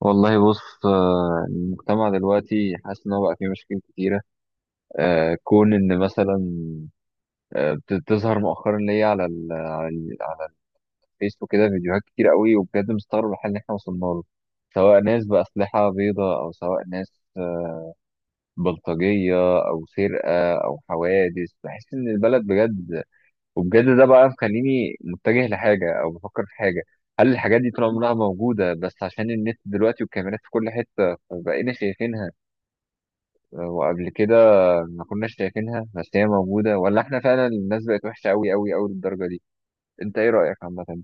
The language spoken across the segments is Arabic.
والله بص، المجتمع دلوقتي حاسس ان هو بقى فيه مشاكل كتيره. كون ان مثلا بتظهر مؤخرا ليا على الفيسبوك كده فيديوهات كتير قوي، وبجد مستغرب الحال اللي احنا وصلنا له، سواء ناس باسلحه بيضاء او سواء ناس بلطجيه او سرقه او حوادث. بحس ان البلد بجد وبجد ده بقى مخليني متجه لحاجه او بفكر في حاجه. هل الحاجات دي طول عمرها موجوده بس عشان النت دلوقتي والكاميرات في كل حته فبقينا شايفينها، وقبل كده ما كناش شايفينها بس هي موجودة، ولا احنا فعلا الناس بقت وحشة أوي أوي أوي للدرجة دي؟ انت ايه رأيك عامة؟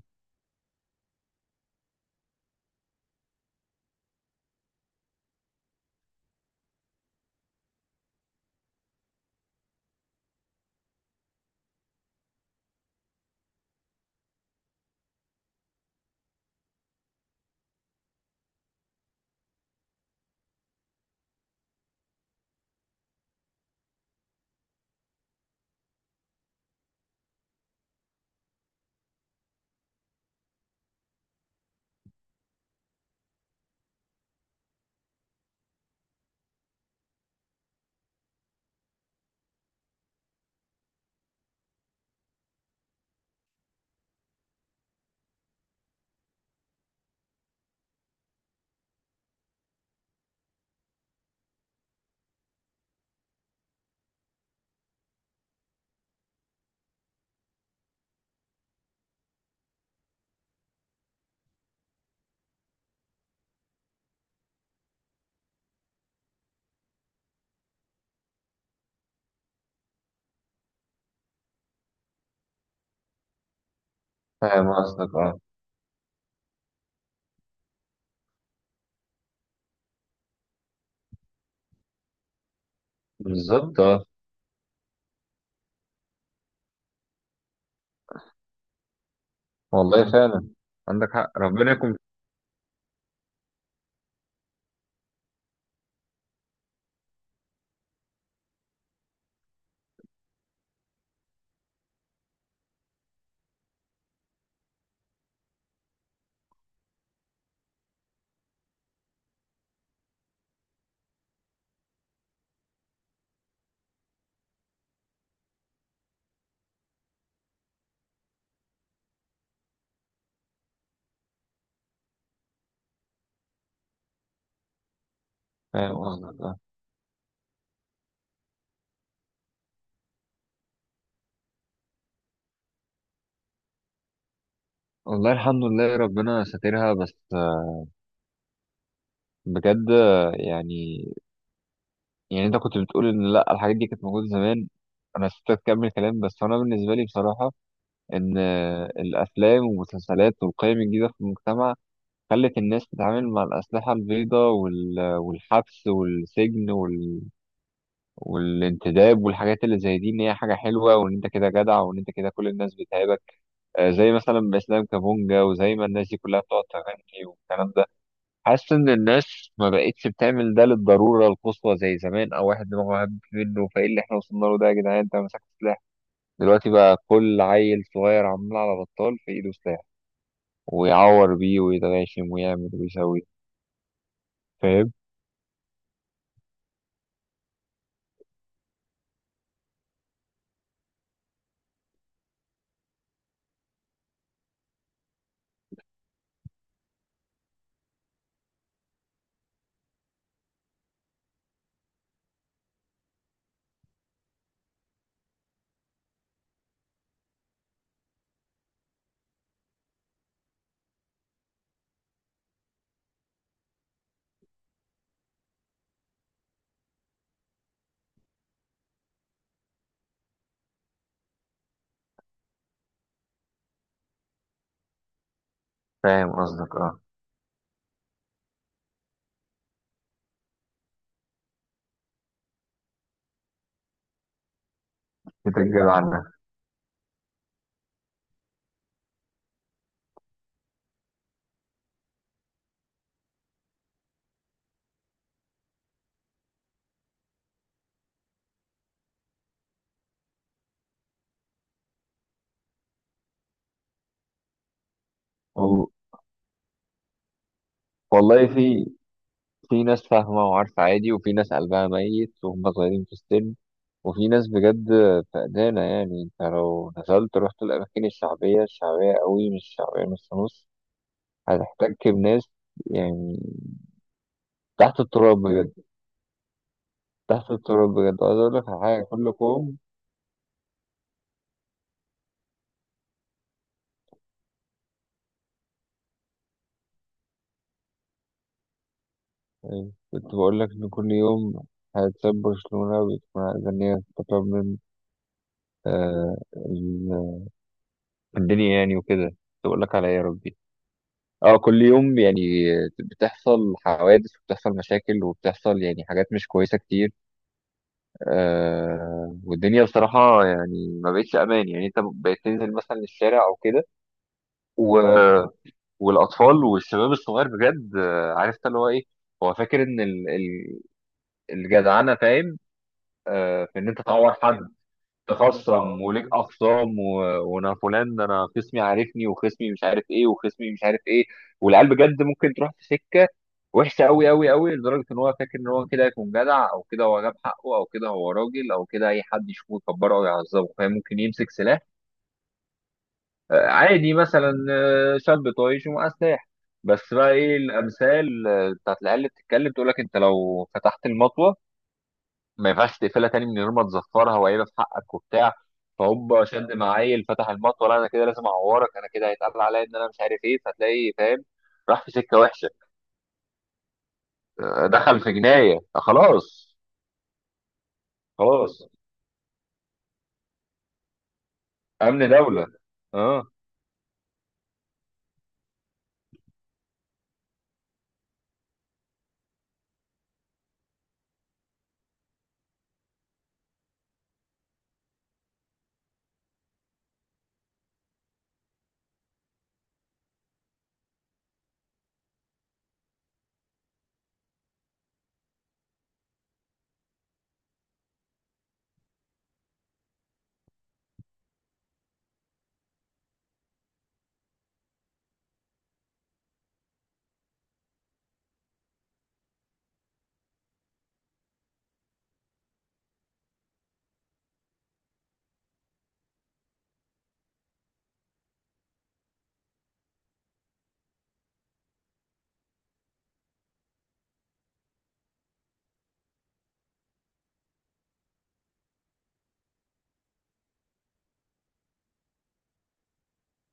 فاهم قصدك، اه. بالظبط، اه. والله فعلا عندك حق، ربنا يكون. فاهم قصدك، اه. والله الحمد لله ربنا ساترها، بس بجد يعني. يعني انت كنت بتقول ان لا الحاجات دي كانت موجودة زمان. انا نسيت اكمل كلام، بس انا بالنسبة لي بصراحة ان الافلام والمسلسلات والقيم الجديدة في المجتمع خلت الناس تتعامل مع الأسلحة البيضاء والحبس والسجن والانتداب والحاجات اللي زي دي، إن هي حاجة حلوة وإن أنت كده جدع وإن أنت كده كل الناس بتهابك. زي مثلا إسلام كابونجا وزي ما الناس دي كلها بتقعد تغني والكلام ده. حاسس إن الناس ما بقتش بتعمل ده للضرورة القصوى زي زمان أو واحد دماغه هب منه. فإيه اللي إحنا وصلنا له ده يا جدعان؟ أنت مسكت سلاح دلوقتي؟ بقى كل عيل صغير عمال على بطال في إيده سلاح، ويعور بيه ويتغاشم ويعمل ويسوي. فاهم؟ فاهم قصدك، اه. بتتجاب عنها. وال- والله في في ناس فاهمة وعارفة عادي، وفي ناس قلبها ميت وهم صغيرين في السن، وفي ناس بجد فقدانة. يعني انت لو نزلت رحت الأماكن الشعبية، الشعبية قوي مش شعبية نص نص، هتحتك بناس، يعني تحت التراب بجد. تحت التراب بجد. عايز أقول لك على حاجة، كل يوم يعني. كنت بقول لك إن كل يوم هتساب برشلونة وبتكون عايزة إن هي تطلب من، آه، في الدنيا يعني وكده. تقول لك على إيه يا ربي؟ اه كل يوم يعني بتحصل حوادث وبتحصل مشاكل وبتحصل يعني حاجات مش كويسة كتير. آه، والدنيا بصراحة يعني ما بقتش أمان. يعني أنت بقيت تنزل مثلا الشارع أو كده و... والأطفال والشباب الصغير بجد، عارف أنت اللي هو إيه. هو فاكر إن الجدعنة، فاهم، في إن أنت تعور حد، تخصم وليك اخصام، وانا فلان ده، انا خصمي عارفني وخصمي مش عارف ايه وخصمي مش عارف ايه. والعيال بجد ممكن تروح في سكه وحشه قوي قوي قوي لدرجه ان هو فاكر ان هو كده هيكون جدع او كده هو جاب حقه او كده هو راجل او كده اي حد يشوفه يكبره او يعذبه، فاهم، ممكن يمسك سلاح. عادي مثلا شاب طايش ومعاه سلاح. بس بقى ايه الامثال بتاعت العيال اللي بتتكلم؟ تقول لك انت لو فتحت المطوه ما ينفعش تقفلها تاني من غير ما تزفرها وقايله في حقك وبتاع. فهوب شد معايل فتح المطوه، لا انا كده لازم اعورك، انا كده هيتقال عليا ان انا مش عارف ايه. فتلاقي، فاهم، راح في سكه وحشه، دخل في جنايه، خلاص. خلاص، امن دوله، اه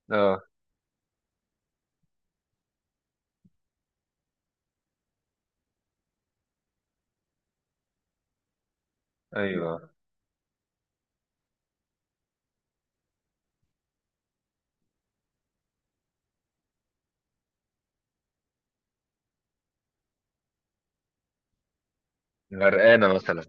اه. ايوه غرقانه مثلا.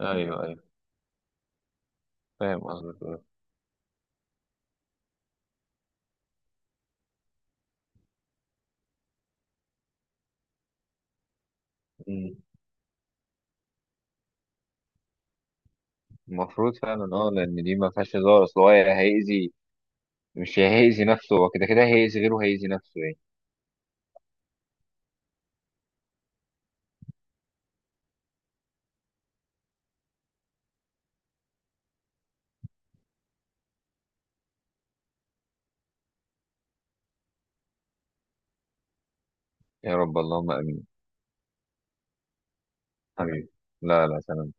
ايوه ايوه. فاهم قصدك، آه. مم. المفروض فعلا، اه، لان دي ما فيهاش هزار. اصل هو يا هيأذي، مش يا هيأذي نفسه، هو كده كده هيأذي غيره هيأذي نفسه يعني. يا رب، اللهم امين. حبيبي، لا لا، سلام.